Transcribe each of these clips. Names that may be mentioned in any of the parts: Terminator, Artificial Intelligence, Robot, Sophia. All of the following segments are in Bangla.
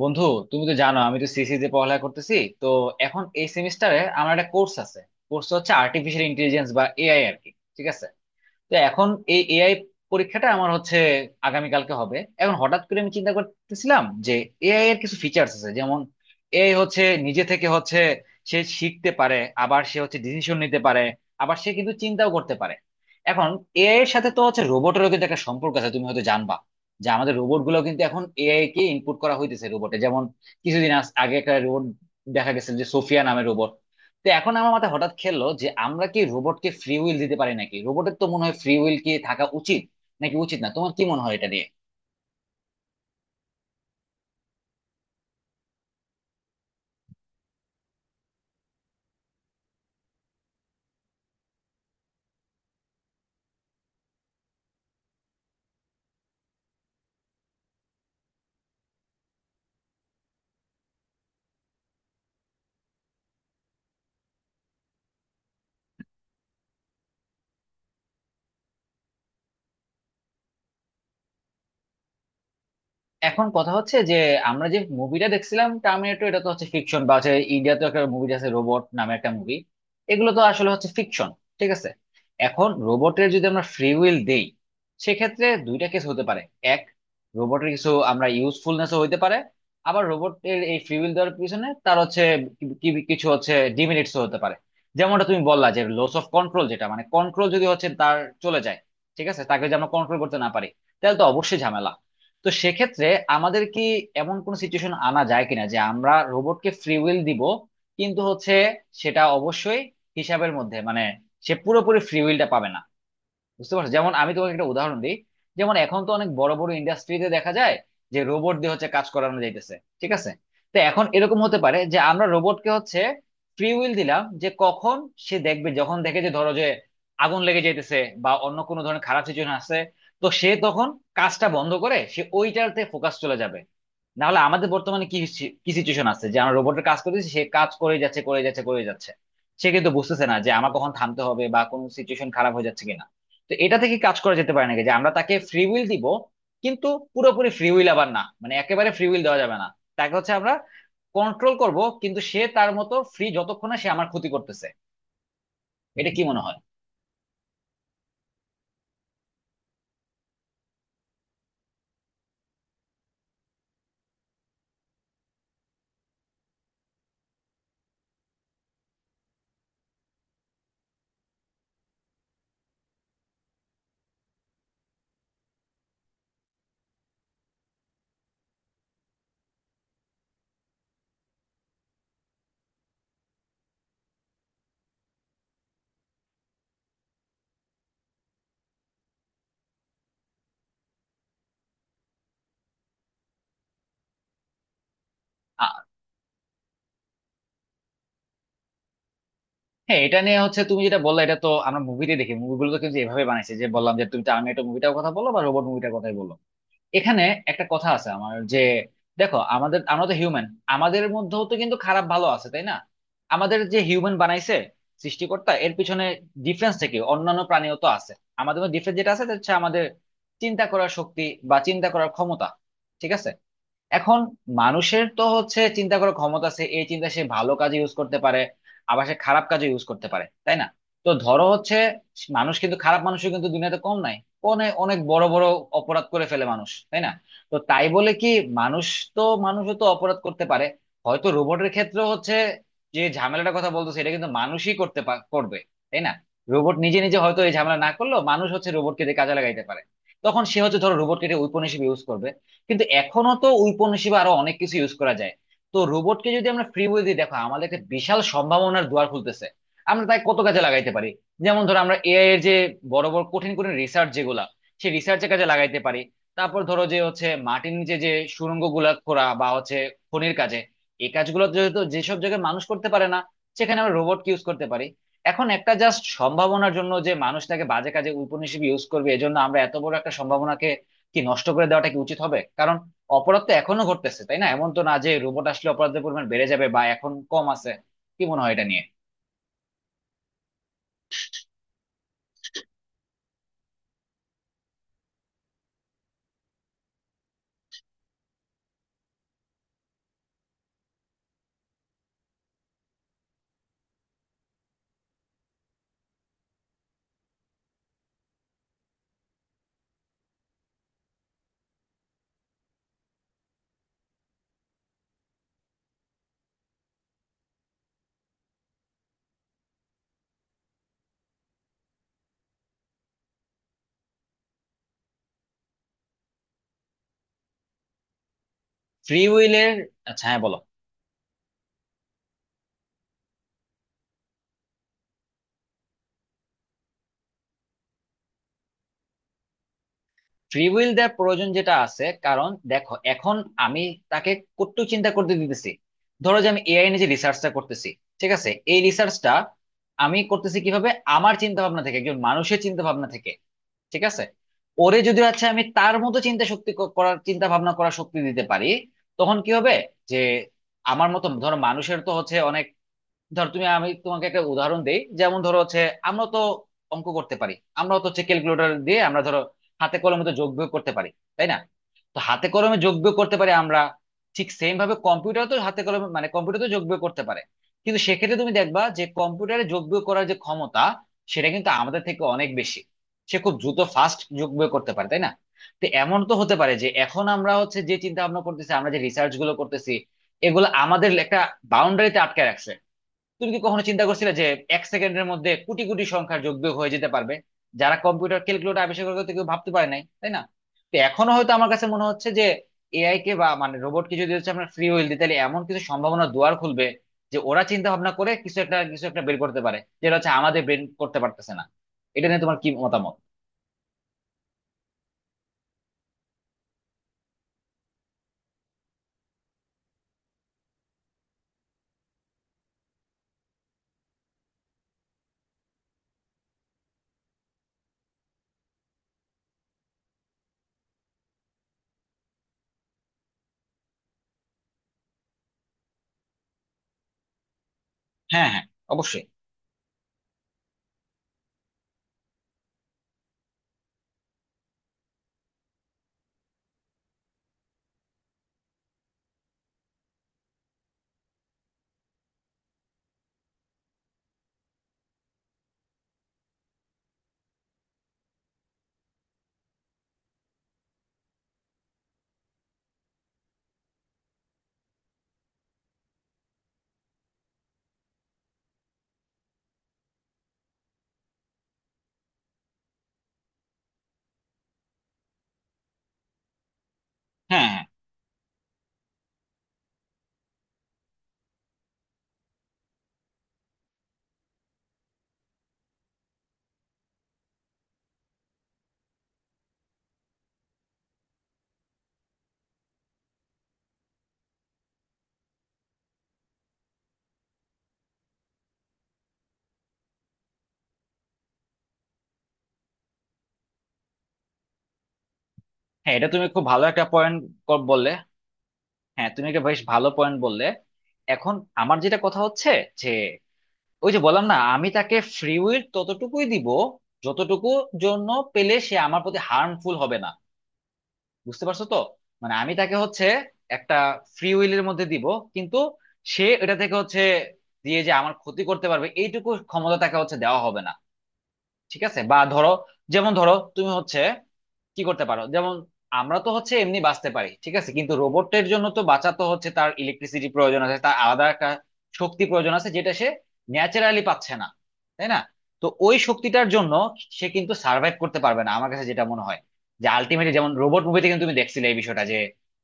বন্ধু, তুমি তো জানো আমি তো সিসি তে পড়ালেখা করতেছি। তো এখন এই সেমিস্টারে আমার একটা কোর্স আছে। কোর্স হচ্ছে আর্টিফিশিয়াল ইন্টেলিজেন্স বা এআই আর কি। ঠিক আছে। তো এখন এই এআই পরীক্ষাটা আমার হচ্ছে আগামীকালকে হবে। এখন হঠাৎ করে আমি চিন্তা করতেছিলাম যে এআই এর কিছু ফিচার্স আছে। যেমন এআই হচ্ছে নিজে থেকে হচ্ছে সে শিখতে পারে, আবার সে হচ্ছে ডিসিশন নিতে পারে, আবার সে কিন্তু চিন্তাও করতে পারে। এখন এআই এর সাথে তো হচ্ছে রোবটেরও কিন্তু একটা সম্পর্ক আছে, তুমি হয়তো জানবা যে আমাদের রোবট গুলো কিন্তু এখন এআই কে ইনপুট করা হইতেছে রোবটে। যেমন কিছুদিন আগে একটা রোবট দেখা গেছে, যে সোফিয়া নামের রোবট। তো এখন আমার মাথায় হঠাৎ খেললো যে আমরা কি রোবটকে ফ্রি উইল দিতে পারি নাকি? রোবটের তো মনে হয় ফ্রি উইল কি থাকা উচিত নাকি উচিত না? তোমার কি মনে হয় এটা নিয়ে? এখন কথা হচ্ছে যে আমরা যে মুভিটা দেখছিলাম টার্মিনেটর, এটা তো হচ্ছে ফিকশন, বা হচ্ছে ইন্ডিয়া তো একটা মুভি আছে রোবট নামে, একটা মুভি। এগুলো তো আসলে হচ্ছে ফিকশন। ঠিক আছে। এখন রোবটের যদি আমরা ফ্রি উইল দেই, সেক্ষেত্রে দুইটা কেস হতে পারে। এক, রোবটের কিছু আমরা ইউজফুলনেসও হইতে পারে। আবার রোবটের এই ফ্রি উইল দেওয়ার পিছনে তার হচ্ছে কি- কি- কিছু হচ্ছে ডিমেরিটসও হতে পারে। যেমনটা তুমি বললা যে লস অফ কন্ট্রোল, যেটা মানে কন্ট্রোল যদি হচ্ছে তার চলে যায়, ঠিক আছে, তাকে যদি আমরা কন্ট্রোল করতে না পারি, তাহলে তো অবশ্যই ঝামেলা। তো সেক্ষেত্রে আমাদের কি এমন কোন সিচুয়েশন আনা যায় কিনা যে আমরা রোবটকে ফ্রি উইল দিব, কিন্তু হচ্ছে সেটা অবশ্যই হিসাবের মধ্যে, মানে সে পুরোপুরি ফ্রি উইলটা পাবে না। বুঝতে পারছো? যেমন আমি তোমাকে একটা উদাহরণ দিই। যেমন এখন তো অনেক বড় বড় ইন্ডাস্ট্রিতে দেখা যায় যে রোবট দিয়ে হচ্ছে কাজ করানো যাইতেছে। ঠিক আছে। তো এখন এরকম হতে পারে যে আমরা রোবটকে হচ্ছে ফ্রি উইল দিলাম যে কখন সে দেখবে, যখন দেখে যে, ধরো যে আগুন লেগে যাইতেছে বা অন্য কোনো ধরনের খারাপ সিচুয়েশন আছে, তো সে তখন কাজটা বন্ধ করে সে ওইটাতে ফোকাস চলে যাবে। না হলে আমাদের বর্তমানে কি কি সিচুয়েশন আছে যে আমরা রোবটের কাজ করতেছি, সে কাজ করে যাচ্ছে, করে যাচ্ছে, করে যাচ্ছে। সে কিন্তু বুঝতেছে না যে আমার কখন থামতে হবে বা কোন সিচুয়েশন খারাপ হয়ে যাচ্ছে কিনা। তো এটা থেকে কাজ করা যেতে পারে নাকি যে আমরা তাকে ফ্রি উইল দিব, কিন্তু পুরোপুরি ফ্রি উইল আবার না, মানে একেবারে ফ্রি উইল দেওয়া যাবে না। তাকে হচ্ছে আমরা কন্ট্রোল করব, কিন্তু সে তার মতো ফ্রি যতক্ষণ না সে আমার ক্ষতি করতেছে। এটা কি মনে হয়? আ- হ্যাঁ, এটা নিয়ে হচ্ছে তুমি যেটা বললে, এটা তো আমরা মুভিতে দেখি। মুভিগুলো তো কিন্তু এভাবে বানাইছে, যে বললাম যে তুমি টার্মিনেটর মুভিটার কথা বলো বা রোবট মুভিটার কথাই বলো। এখানে একটা কথা আছে আমার যে, দেখো, আমাদের আমরা তো হিউম্যান, আমাদের মধ্যেও তো কিন্তু খারাপ ভালো আছে, তাই না? আমাদের যে হিউম্যান বানাইছে সৃষ্টিকর্তা, এর পিছনে ডিফারেন্সটা কি? অন্যান্য প্রাণীও তো আছে। আমাদের ডিফারেন্স যেটা আছে সেটা হচ্ছে আমাদের চিন্তা করার শক্তি, বা চিন্তা করার ক্ষমতা। ঠিক আছে। এখন মানুষের তো হচ্ছে চিন্তা করার ক্ষমতা আছে, এই চিন্তা সে ভালো কাজে ইউজ করতে পারে, আবার সে খারাপ কাজে ইউজ করতে পারে, তাই না? তো ধরো হচ্ছে মানুষ, কিন্তু খারাপ মানুষও কিন্তু দুনিয়াতে কম নাই। অনেক অনেক বড় বড় অপরাধ করে ফেলে মানুষ, তাই না? তো তাই বলে কি মানুষ, তো মানুষও তো অপরাধ করতে পারে। হয়তো রোবটের ক্ষেত্রে হচ্ছে যে ঝামেলাটার কথা বলতো, সেটা কিন্তু মানুষই করবে, তাই না? রোবট নিজে নিজে হয়তো এই ঝামেলা না করলেও মানুষ হচ্ছে রোবটকে দিয়ে কাজে লাগাইতে পারে। তখন সে হচ্ছে, ধরো, রোবটকে এটা ঔপনিবেশিক ইউজ করবে, কিন্তু এখনো তো ঔপনিবেশিক আরো অনেক কিছু ইউজ করা যায়। তো রোবটকে যদি আমরা ফ্রি বই দিই, দেখো, আমাদের একটা বিশাল সম্ভাবনার দুয়ার খুলতেছে। আমরা তাই কত কাজে লাগাইতে পারি। যেমন ধরো আমরা এআই এর যে বড় বড় কঠিন কঠিন রিসার্চ যেগুলা, সেই রিসার্চের কাজে লাগাইতে পারি। তারপর ধরো যে হচ্ছে মাটির নিচে যে সুড়ঙ্গ গুলা খোঁড়া বা হচ্ছে খনির কাজে, এই কাজগুলো যেহেতু যেসব জায়গায় মানুষ করতে পারে না, সেখানে আমরা রোবটকে ইউজ করতে পারি। এখন একটা জাস্ট সম্ভাবনার জন্য যে মানুষটাকে বাজে কাজে উপনিষেধ ইউজ করবে, এজন্য আমরা এত বড় একটা সম্ভাবনাকে কি নষ্ট করে দেওয়াটা কি উচিত হবে? কারণ অপরাধ তো এখনো ঘটতেছে, তাই না? এমন তো না যে রোবট আসলে অপরাধের পরিমাণ বেড়ে যাবে বা এখন কম আছে। কি মনে হয় এটা নিয়ে? ফ্রি উইলের, আচ্ছা হ্যাঁ বলো। ফ্রি উইল দেওয়ার প্রয়োজন যেটা আছে, কারণ দেখো, এখন আমি তাকে কত চিন্তা করতে দিতেছি। ধরো যে আমি এআই নিয়ে যে রিসার্চটা করতেছি, ঠিক আছে, এই রিসার্চটা আমি করতেছি কিভাবে? আমার চিন্তা ভাবনা থেকে, একজন মানুষের চিন্তা ভাবনা থেকে। ঠিক আছে। ওরে যদি হচ্ছে আমি তার মতো চিন্তা শক্তি করার চিন্তা ভাবনা করার শক্তি দিতে পারি, তখন কি হবে? যে আমার মতো, ধরো, মানুষের তো হচ্ছে অনেক, ধর তুমি, আমি তোমাকে একটা উদাহরণ দেই, যেমন ধরো হচ্ছে আমরা তো অঙ্ক করতে পারি। আমরা তো হচ্ছে ক্যালকুলেটর দিয়ে আমরা, ধরো, হাতে কলমে তো যোগ বিয়োগ করতে পারি, তাই না? তো হাতে কলমে যোগ বিয়োগ করতে পারি আমরা। ঠিক সেম ভাবে কম্পিউটার তো হাতে কলমে, মানে কম্পিউটার তো যোগ বিয়োগ করতে পারে, কিন্তু সেক্ষেত্রে তুমি দেখবা যে কম্পিউটারে যোগ বিয়োগ করার যে ক্ষমতা, সেটা কিন্তু আমাদের থেকে অনেক বেশি। সে খুব দ্রুত ফাস্ট যোগ বিয়োগ করতে পারে, তাই না? তো এমন তো হতে পারে যে এখন আমরা হচ্ছে যে চিন্তা ভাবনা করতেছি, আমরা যে রিসার্চ গুলো করতেছি, এগুলো আমাদের একটা বাউন্ডারিতে আটকে রাখছে। তুমি কি কখনো চিন্তা করছিলে যে এক সেকেন্ডের মধ্যে কোটি কোটি সংখ্যার যোগ বিয়োগ হয়ে যেতে পারবে? যারা কম্পিউটার ক্যালকুলেটর আবিষ্কার করতে কেউ ভাবতে পারে নাই, তাই না? তো এখনো হয়তো আমার কাছে মনে হচ্ছে যে এআই কে বা মানে রোবটকে যদি হচ্ছে আমরা ফ্রি হুইল দিই, তাহলে এমন কিছু সম্ভাবনা দুয়ার খুলবে যে ওরা চিন্তা ভাবনা করে কিছু একটা, কিছু একটা বের করতে পারে, যেটা হচ্ছে আমাদের ব্রেন করতে পারতেছে না। এটা নিয়ে তোমার কি মতামত? হ্যাঁ, হ্যাঁ, অবশ্যই। হ্যাঁ, হ্যাঁ। হ্যাঁ, এটা তুমি খুব ভালো একটা পয়েন্ট বললে। হ্যাঁ, তুমি একটা বেশ ভালো পয়েন্ট বললে। এখন আমার যেটা কথা হচ্ছে, যে, ওই যে বললাম না, আমি তাকে ফ্রি উইল ততটুকুই দিব যতটুকু জন্য পেলে সে আমার প্রতি হার্মফুল হবে না। বুঝতে পারছো তো? মানে আমি তাকে হচ্ছে একটা ফ্রি উইলের মধ্যে দিব, কিন্তু সে এটা থেকে হচ্ছে দিয়ে যে আমার ক্ষতি করতে পারবে, এইটুকু ক্ষমতা তাকে হচ্ছে দেওয়া হবে না। ঠিক আছে। বা ধরো, যেমন ধরো তুমি হচ্ছে কি করতে পারো, যেমন আমরা তো হচ্ছে এমনি বাঁচতে পারি, ঠিক আছে, কিন্তু রোবটের জন্য তো বাঁচা তো হচ্ছে তার ইলেকট্রিসিটি প্রয়োজন আছে, তার আলাদা একটা শক্তি প্রয়োজন আছে, যেটা সে ন্যাচারালি পাচ্ছে না, তাই না? তো ওই শক্তিটার জন্য সে কিন্তু সার্ভাইভ করতে পারবে না, আমার কাছে যেটা মনে হয়। যে আলটিমেটলি, যেমন রোবট মুভিতে কিন্তু তুমি দেখছিলে এই বিষয়টা, যে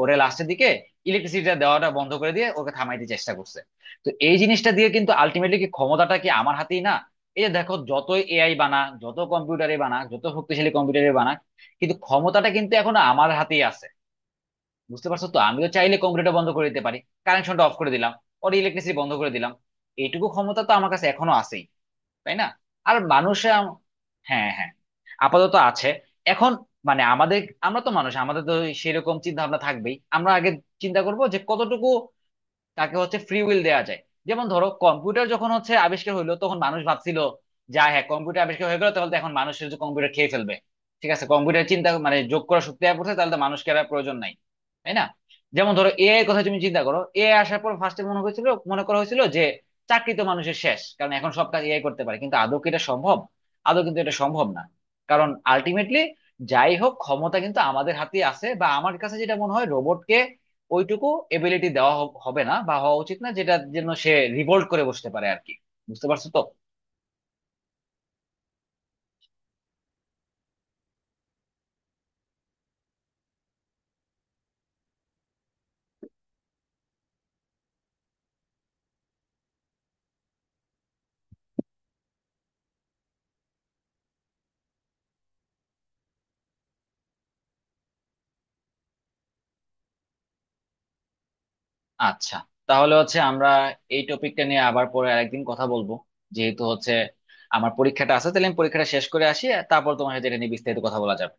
ওরে লাস্টের দিকে ইলেকট্রিসিটিটা দেওয়াটা বন্ধ করে দিয়ে ওকে থামাইতে চেষ্টা করছে। তো এই জিনিসটা দিয়ে কিন্তু আলটিমেটলি কি ক্ষমতাটা কি আমার হাতেই না? এই যে দেখো, যতই এআই বানা, যত কম্পিউটারে বানা, যত শক্তিশালী কম্পিউটারে বানা, কিন্তু ক্ষমতাটা কিন্তু এখন আমার হাতেই আছে। বুঝতে পারছো তো, আমিও চাইলে কম্পিউটারটা বন্ধ করে দিতে পারি, কানেকশনটা অফ করে দিলাম, ওর ইলেকট্রিসিটি বন্ধ করে দিলাম, এইটুকু ক্ষমতা তো আমার কাছে এখনো আছেই, তাই না? আর মানুষে হ্যাঁ, হ্যাঁ, আপাতত আছে। এখন মানে আমাদের, আমরা তো মানুষ, আমাদের তো সেরকম চিন্তা ভাবনা থাকবেই, আমরা আগে চিন্তা করবো যে কতটুকু তাকে হচ্ছে ফ্রি উইল দেওয়া যায়। যেমন ধরো কম্পিউটার যখন হচ্ছে আবিষ্কার হইলো, তখন মানুষ ভাবছিল যা হ্যাঁ কম্পিউটার আবিষ্কার হয়ে গেলো, তাহলে তো এখন মানুষের যে কম্পিউটার খেয়ে ফেলবে, ঠিক আছে, কম্পিউটার চিন্তা মানে যোগ করা শক্তি আর পড়ছে, তাহলে তো মানুষকে আর প্রয়োজন নাই, তাই না? যেমন ধরো এআই এর কথা তুমি চিন্তা করো, এআই আসার পর ফার্স্টে মনে হয়েছিল, মনে করা হয়েছিল যে চাকরি তো মানুষের শেষ, কারণ এখন সব কাজ এআই করতে পারে। কিন্তু আদৌ কি এটা সম্ভব? আদৌ কিন্তু এটা সম্ভব না। কারণ আলটিমেটলি, যাই হোক, ক্ষমতা কিন্তু আমাদের হাতে আছে। বা আমার কাছে যেটা মনে হয় রোবটকে ওইটুকু এবিলিটি দেওয়া হবে না, বা হওয়া উচিত না, যেটার জন্য সে রিভোল্ট করে বসতে পারে আর কি। বুঝতে পারছো তো? আচ্ছা, তাহলে হচ্ছে আমরা এই টপিকটা নিয়ে আবার পরে আরেকদিন কথা বলবো। যেহেতু হচ্ছে আমার পরীক্ষাটা আছে, তাহলে আমি পরীক্ষাটা শেষ করে আসি, আর তারপর তোমার সাথে এটা নিয়ে বিস্তারিত কথা বলা যাবে।